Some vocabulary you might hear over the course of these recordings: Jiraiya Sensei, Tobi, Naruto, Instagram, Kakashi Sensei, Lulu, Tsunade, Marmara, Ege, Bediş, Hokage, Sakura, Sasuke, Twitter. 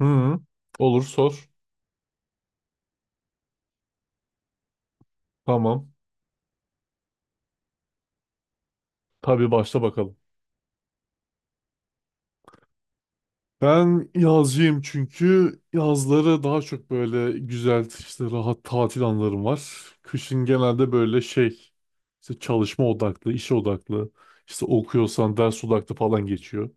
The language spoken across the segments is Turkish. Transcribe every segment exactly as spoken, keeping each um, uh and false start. Hı, olur sor. Tamam. Tabii, başla bakalım. Ben yazcıyım çünkü yazları daha çok böyle güzel işte rahat tatil anlarım var. Kışın genelde böyle şey işte çalışma odaklı, iş odaklı, işte okuyorsan ders odaklı falan geçiyor.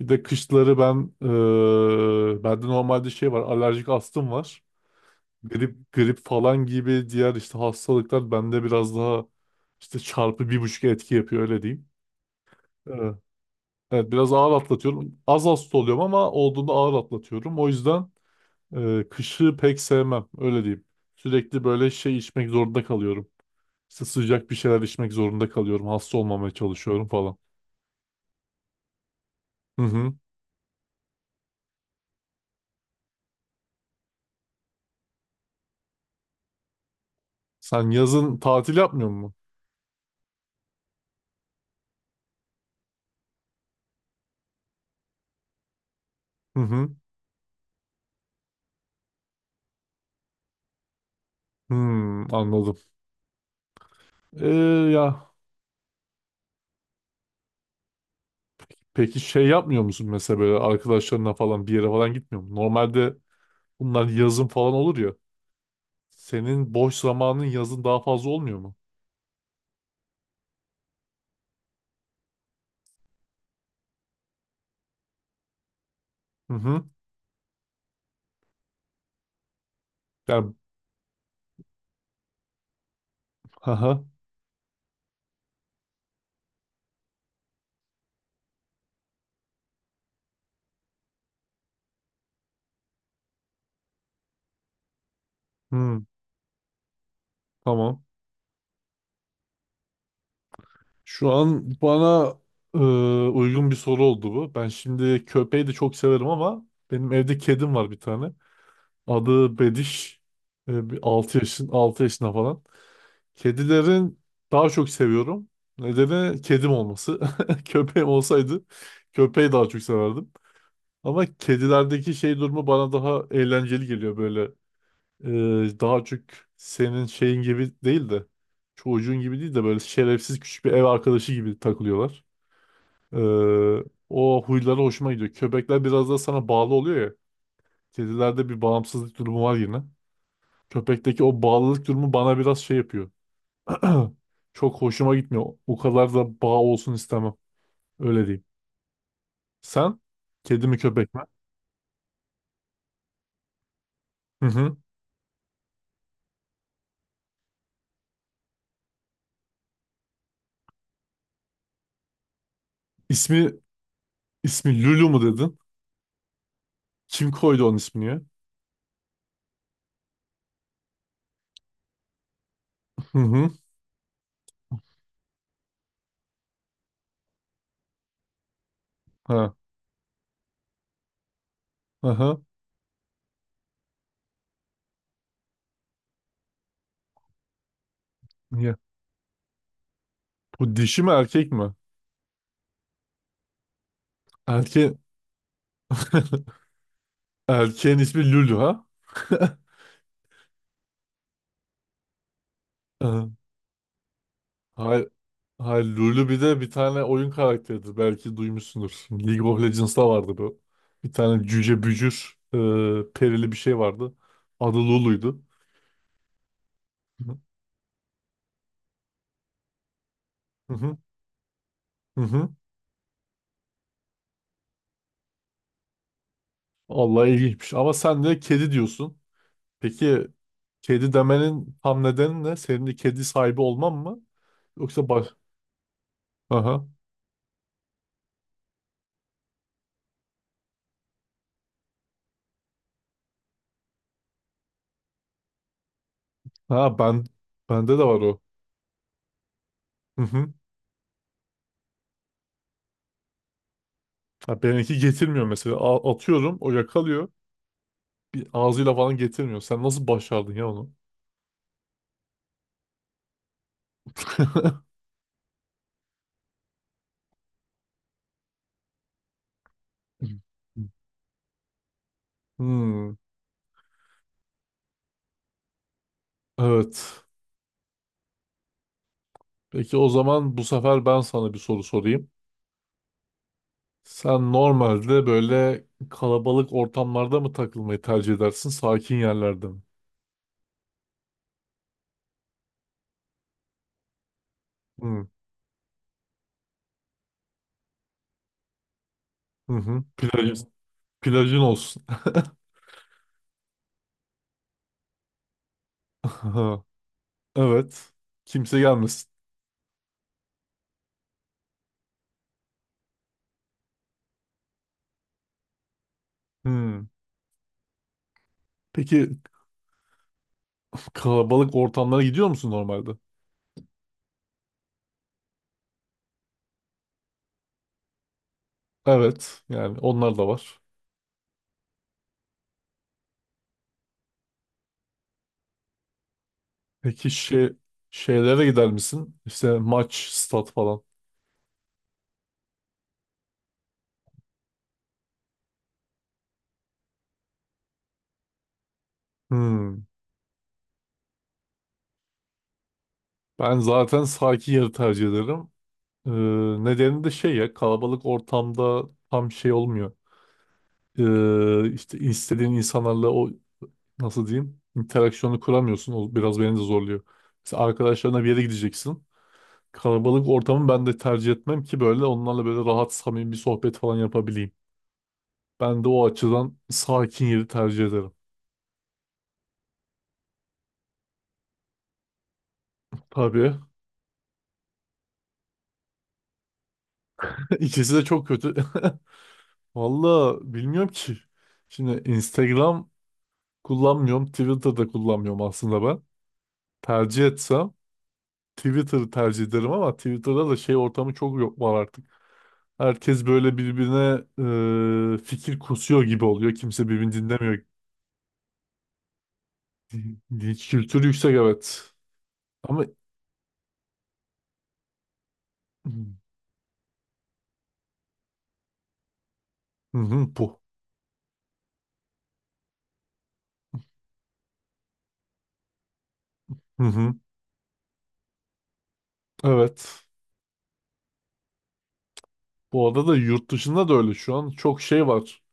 Bir de kışları ben eee bende normalde şey var, alerjik astım var. Grip, grip falan gibi diğer işte hastalıklar bende biraz daha işte çarpı bir buçuk etki yapıyor, öyle diyeyim. Evet, biraz ağır atlatıyorum. Az hasta oluyorum ama olduğunda ağır atlatıyorum. O yüzden e, kışı pek sevmem. Öyle diyeyim. Sürekli böyle şey içmek zorunda kalıyorum. İşte sıcak bir şeyler içmek zorunda kalıyorum. Hasta olmamaya çalışıyorum falan. Hı hı. Sen yazın tatil yapmıyor musun? Hı hı. Hmm, anladım. Ee, ya peki şey yapmıyor musun mesela böyle arkadaşlarına falan bir yere falan gitmiyor musun? Normalde bunlar yazın falan olur ya. Senin boş zamanın yazın daha fazla olmuyor mu? Hı hı. Yani, hmm, tamam. Şu an bana e, uygun bir soru oldu bu. Ben şimdi köpeği de çok severim ama benim evde kedim var, bir tane. Adı Bediş. E, bir altı yaşın altı yaşında falan. Kedilerin daha çok seviyorum. Nedeni kedim olması. Köpeğim olsaydı köpeği daha çok severdim. Ama kedilerdeki şey durumu bana daha eğlenceli geliyor böyle. Ee, daha çok senin şeyin gibi değil de çocuğun gibi değil de böyle şerefsiz küçük bir ev arkadaşı gibi takılıyorlar. Ee, o huyları hoşuma gidiyor. Köpekler biraz da sana bağlı oluyor ya. Kedilerde bir bağımsızlık durumu var yine. Köpekteki o bağlılık durumu bana biraz şey yapıyor. Çok hoşuma gitmiyor. O kadar da bağ olsun istemem. Öyle diyeyim. Sen kedi mi köpek mi? Hı hı. İsmi ismi Lulu mu dedin? Kim koydu onun ismini ya? Hı hı. Ha. Aha. Bu dişi mi erkek mi? Erke... Erkeğin ismi Lulu ha? Hayır, hayır, Lulu bir de bir tane oyun karakteridir. Belki duymuşsundur. League of Legends'ta vardı bu. Bir tane cüce bücür e, perili bir şey vardı. Adı Lulu'ydu. Hı hı, hı hı. Allah, ilginçmiş. Ama sen de kedi diyorsun. Peki kedi demenin tam nedeni ne? Senin de kedi sahibi olman mı? Yoksa baş... Aha. Ha, ben bende de var o. Hı hı. Ha, benimki getirmiyor mesela. A- atıyorum o yakalıyor. Bir ağzıyla falan getirmiyor. Sen nasıl başardın ya onu? Hmm, evet. Peki o zaman bu sefer ben sana bir soru sorayım. Sen normalde böyle kalabalık ortamlarda mı takılmayı tercih edersin, sakin yerlerde mi? Hmm, hı hı. Plaj, plajın olsun. Aha, evet. Kimse gelmesin. Hmm. Peki kalabalık ortamlara gidiyor musun normalde? Evet. Yani onlar da var. Peki şey, şeylere gider misin? İşte maç, stat falan. Hmm. Ben zaten sakin yeri tercih ederim. Ee, nedeni de şey ya, kalabalık ortamda tam şey olmuyor. Ee, işte istediğin insanlarla o nasıl diyeyim interaksiyonu kuramıyorsun. O biraz beni de zorluyor. Mesela arkadaşlarına bir yere gideceksin. Kalabalık ortamı ben de tercih etmem ki böyle onlarla böyle rahat samimi bir sohbet falan yapabileyim. Ben de o açıdan sakin yeri tercih ederim. Tabii. İkisi de çok kötü. Valla bilmiyorum ki. Şimdi Instagram kullanmıyorum. Twitter'da kullanmıyorum aslında ben. Tercih etsem Twitter'ı tercih ederim ama Twitter'da da şey ortamı çok yok var artık. Herkes böyle birbirine e, fikir kusuyor gibi oluyor. Kimse birbirini dinlemiyor. Linç kültürü yüksek, evet. Ama hı hı, bu. Hı hı, evet. Bu arada da yurt dışında da öyle şu an çok şey var.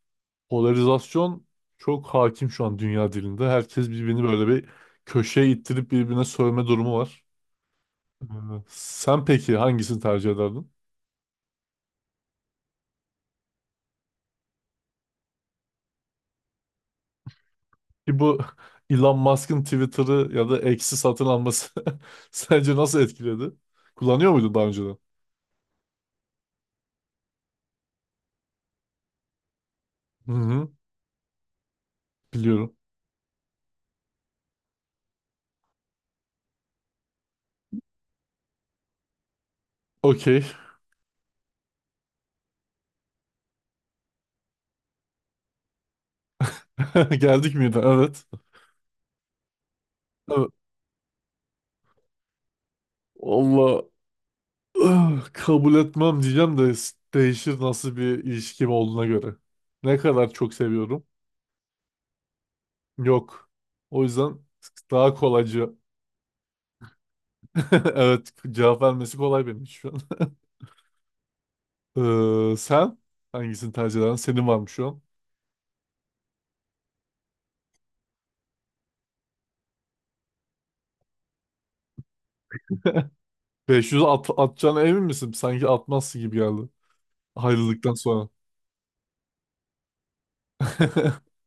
Polarizasyon çok hakim şu an dünya dilinde. Herkes birbirini böyle bir köşeye ittirip birbirine sövme durumu var. Ee, Sen peki hangisini tercih ederdin? Ki bu Elon Musk'ın Twitter'ı ya da X'i satın alması sence nasıl etkiledi? Kullanıyor muydun daha önceden? Hı hı, biliyorum. Okey. Geldik miydi? Evet. Evet. Allah, ah, kabul etmem diyeceğim de s- değişir nasıl bir ilişkim olduğuna göre. Ne kadar çok seviyorum. Yok. O yüzden daha kolaycı. Evet, cevap vermesi kolay benim şu an. Ee, sen hangisini tercih edersin? Senin var mı şu an? beş yüz at, atacağına emin misin? Sanki atmazsın gibi geldi. Ayrıldıktan sonra.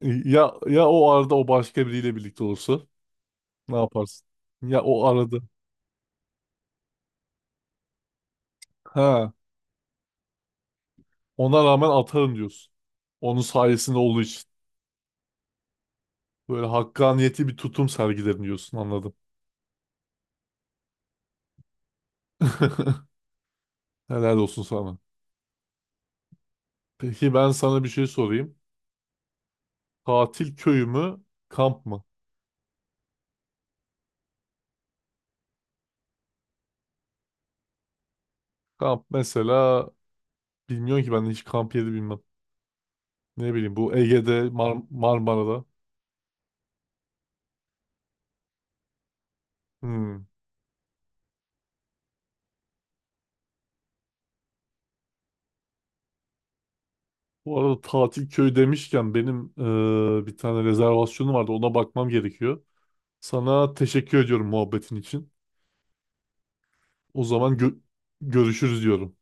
Ya ya o arada o başka biriyle birlikte olursa ne yaparsın? Ya o arada. Ha, ona rağmen atarım diyorsun. Onun sayesinde olduğu için. Böyle hakkaniyeti bir tutum sergilerim diyorsun, anladım. Helal olsun sana. Peki ben sana bir şey sorayım. Tatil köyü mü? Kamp mı? Kamp mesela, bilmiyorum ki, ben hiç kamp yeri bilmem. Ne bileyim, bu Ege'de Mar Marmara'da. Hmm. Bu arada tatil köyü demişken benim eee, bir tane rezervasyonum vardı, ona bakmam gerekiyor. Sana teşekkür ediyorum muhabbetin için. O zaman gö- görüşürüz diyorum.